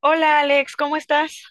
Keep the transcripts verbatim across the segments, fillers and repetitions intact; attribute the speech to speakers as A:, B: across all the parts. A: Hola Alex, ¿cómo estás?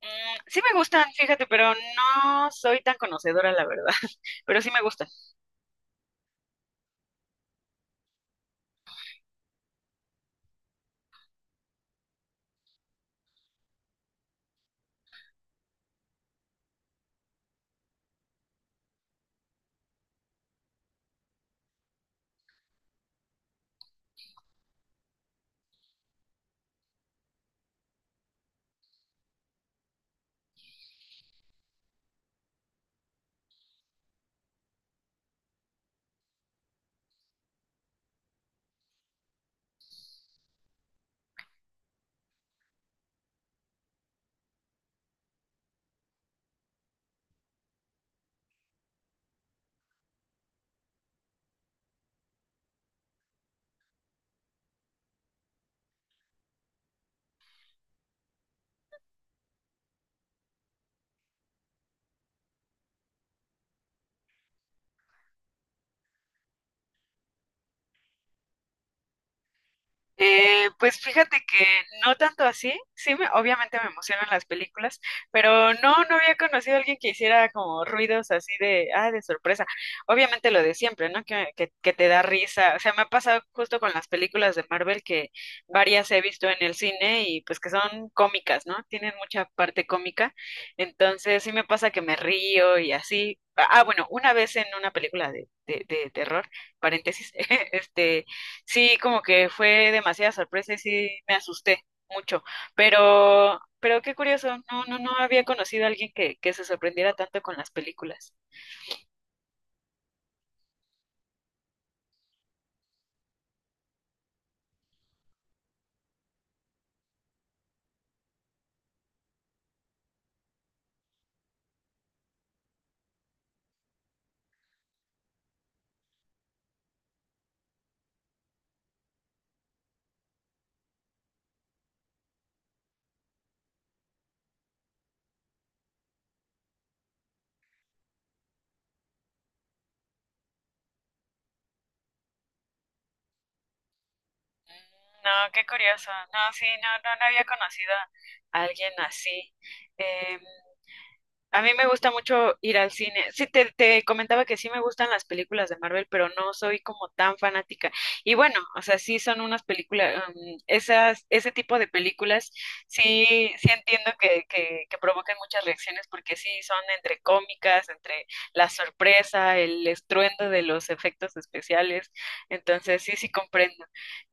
A: Mm, sí me gustan, fíjate, pero no soy tan conocedora, la verdad, pero sí me gustan. Eh, pues fíjate que no tanto así, sí, me- obviamente me emocionan las películas, pero no, no había conocido a alguien que hiciera como ruidos así de, ah, de sorpresa. Obviamente lo de siempre, ¿no? Que, que, que te da risa. O sea, me ha pasado justo con las películas de Marvel que varias he visto en el cine y pues que son cómicas, ¿no? Tienen mucha parte cómica, entonces sí me pasa que me río y así. Ah, bueno, una vez en una película de, de, de terror, paréntesis, este sí, como que fue demasiada sorpresa y sí me asusté mucho, pero, pero qué curioso, no, no, no había conocido a alguien que, que se sorprendiera tanto con las películas. No, qué curioso, no, sí, no, no, no había conocido a alguien así. em, A mí me gusta mucho ir al cine. Sí, te, te comentaba que sí me gustan las películas de Marvel, pero no soy como tan fanática. Y bueno, o sea, sí son unas películas, um, esas, ese tipo de películas, sí, sí entiendo que, que, que provocan muchas reacciones porque sí son entre cómicas, entre la sorpresa, el estruendo de los efectos especiales. Entonces, sí, sí comprendo.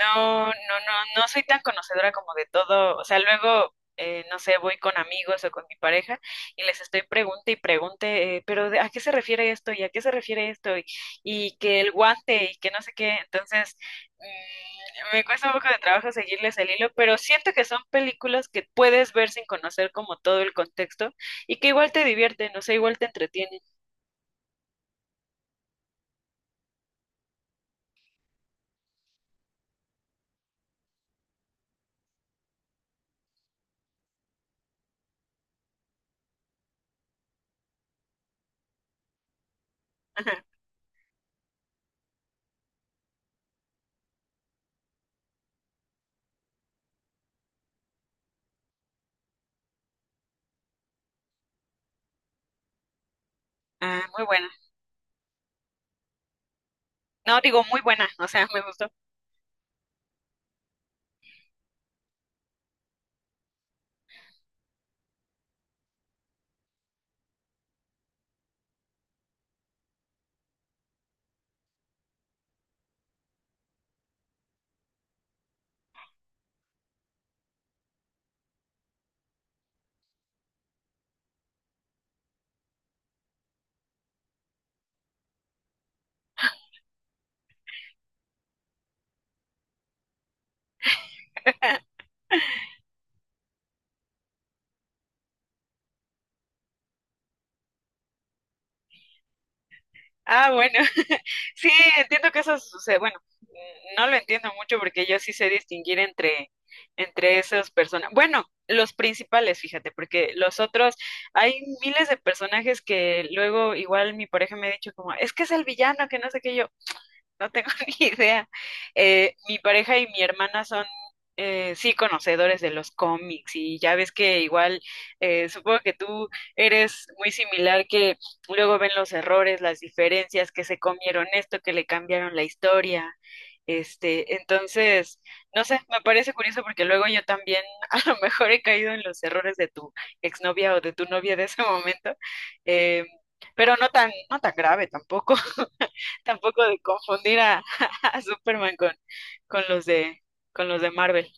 A: No, no, no, no soy tan conocedora como de todo. O sea, luego, eh, no sé, voy con amigos o con mi pareja y les estoy pregunte y pregunte, eh, pero de- ¿a qué se refiere esto? ¿Y a qué se refiere esto? Y, y que el guante y que no sé qué. Entonces, mm, me cuesta un poco de trabajo seguirles el hilo, pero siento que son películas que puedes ver sin conocer como todo el contexto y que igual te divierten, o sea, igual te entretienen. Ajá. Ah, muy buena. No, digo muy buena, o sea, me gustó. Ah, bueno, sí, entiendo que eso sucede. Bueno, mm, no lo entiendo mucho porque yo sí sé distinguir entre, entre esas personas. Bueno, los principales, fíjate, porque los otros, hay miles de personajes que luego igual mi pareja me ha dicho como, es que es el villano, que no sé qué yo. No tengo ni idea. Eh, mi pareja y mi hermana son, eh, sí, conocedores de los cómics y ya ves que igual, eh, supongo que tú eres muy similar, que luego ven los errores, las diferencias, que se comieron esto, que le cambiaron la historia. Este, entonces, no sé, me parece curioso porque luego yo también a lo mejor he caído en los errores de tu exnovia o de tu novia de ese momento, eh, pero no tan, no tan grave tampoco tampoco de confundir a, a Superman con, con los de, con los de Marvel.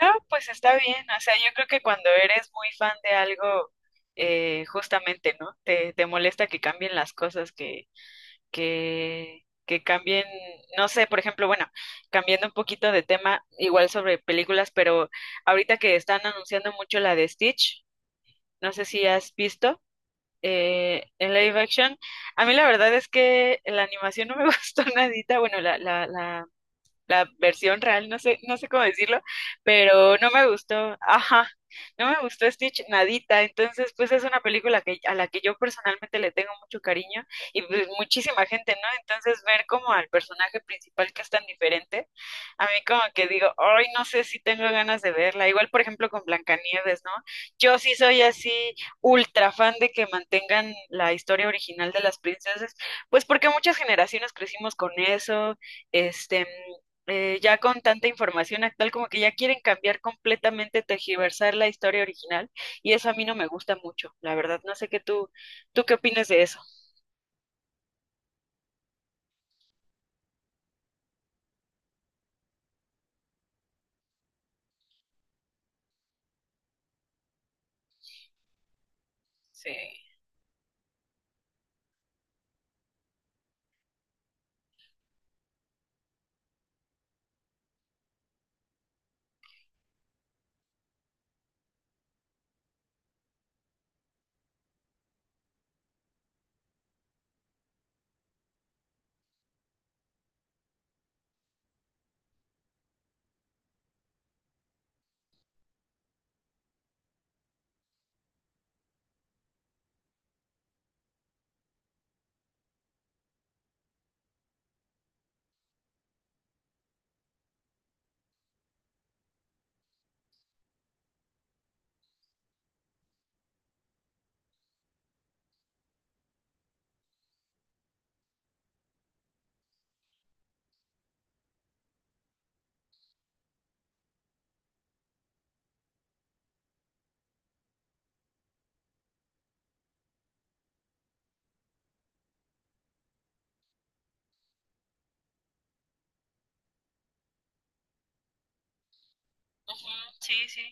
A: No, pues está bien, o sea, yo creo que cuando eres muy fan de algo, eh, justamente, ¿no? Te, te molesta que cambien las cosas, que, que, que cambien, no sé, por ejemplo, bueno, cambiando un poquito de tema, igual sobre películas, pero ahorita que están anunciando mucho la de Stitch, no sé si has visto. Eh, en live action. A mí la verdad es que la animación no me gustó nadita, bueno, la, la, la la versión real, no sé, no sé cómo decirlo, pero no me gustó, ajá, no me gustó Stitch nadita, entonces pues es una película que, a la que yo personalmente le tengo mucho cariño y pues muchísima gente, ¿no? Entonces ver como al personaje principal que es tan diferente, a mí como que digo, ay, no sé si tengo ganas de verla, igual por ejemplo con Blancanieves, ¿no? Yo sí soy así ultra fan de que mantengan la historia original de las princesas, pues porque muchas generaciones crecimos con eso, este, eh, ya con tanta información actual, como que ya quieren cambiar completamente, tergiversar la historia original, y eso a mí no me gusta mucho, la verdad. No sé qué tú, ¿tú qué opinas de eso? Sí. Ujú, sí, sí.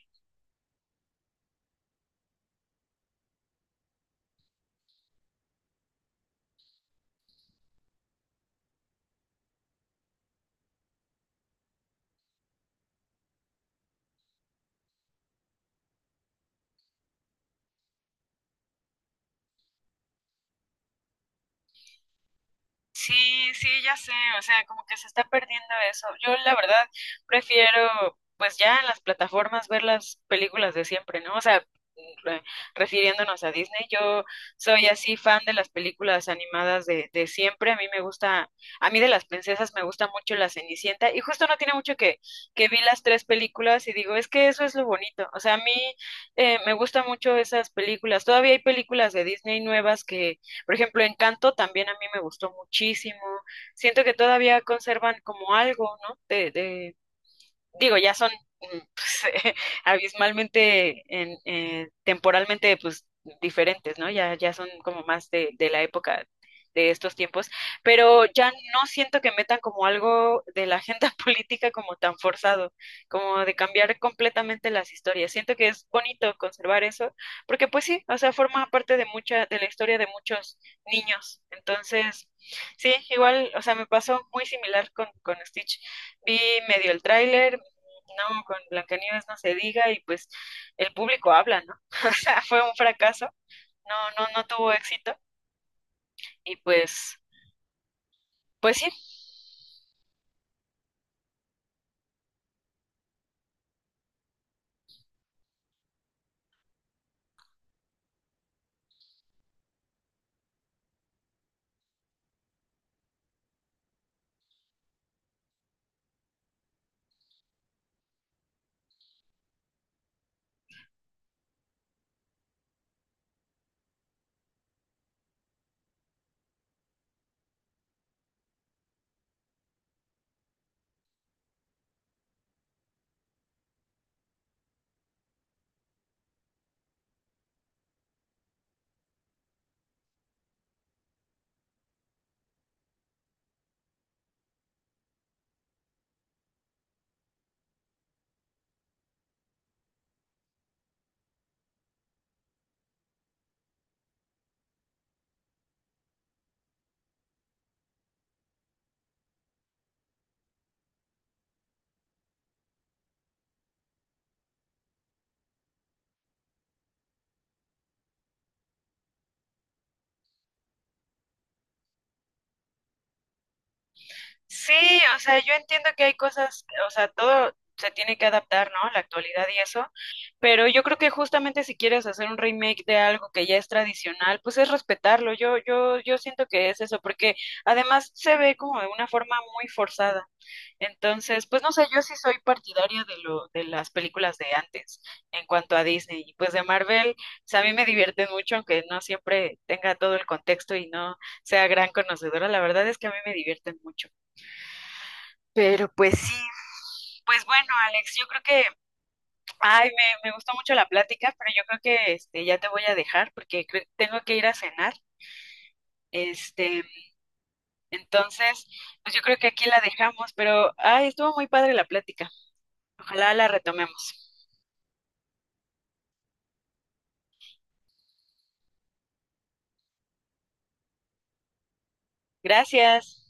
A: Sí, sí, ya sé, o sea, como que se está perdiendo eso. Yo la verdad prefiero, pues ya en las plataformas ver las películas de siempre, ¿no? O sea, re- refiriéndonos a Disney, yo soy así fan de las películas animadas de, de siempre. A mí me gusta, a mí de las princesas me gusta mucho La Cenicienta y justo no tiene mucho que, que vi las tres películas y digo, es que eso es lo bonito. O sea, a mí eh, me gustan mucho esas películas. Todavía hay películas de Disney nuevas que por ejemplo, Encanto también a mí me gustó muchísimo. Siento que todavía conservan como algo, ¿no? De, de, digo, ya son mm, pues, eh, abismalmente, en, eh, temporalmente, pues diferentes, ¿no? Ya, ya son como más de, de la época de estos tiempos, pero ya no siento que metan como algo de la agenda política como tan forzado, como de cambiar completamente las historias. Siento que es bonito conservar eso, porque pues sí, o sea, forma parte de mucha, de la historia de muchos niños. Entonces, sí, igual, o sea, me pasó muy similar con, con Stitch. Vi medio el tráiler, no, con Blancanieves no se diga y pues el público habla, ¿no? O sea, fue un fracaso, no, no, no tuvo éxito y pues, pues sí, sí, o sea, yo entiendo que hay cosas, o sea, todo se tiene que adaptar, ¿no? La actualidad y eso, pero yo creo que justamente si quieres hacer un remake de algo que ya es tradicional, pues es respetarlo, yo, yo, yo siento que es eso, porque además se ve como de una forma muy forzada. Entonces, pues no sé, yo sí soy partidaria de lo, de las películas de antes en cuanto a Disney. Y pues de Marvel, o sea, a mí me divierten mucho, aunque no siempre tenga todo el contexto y no sea gran conocedora. La verdad es que a mí me divierten mucho. Pero pues sí, pues bueno, Alex, yo creo que, ay, me, me gustó mucho la plática, pero yo creo que este, ya te voy a dejar porque creo- tengo que ir a cenar. Este, entonces, pues yo creo que aquí la dejamos, pero, ay, estuvo muy padre la plática. Ojalá la retomemos. Gracias.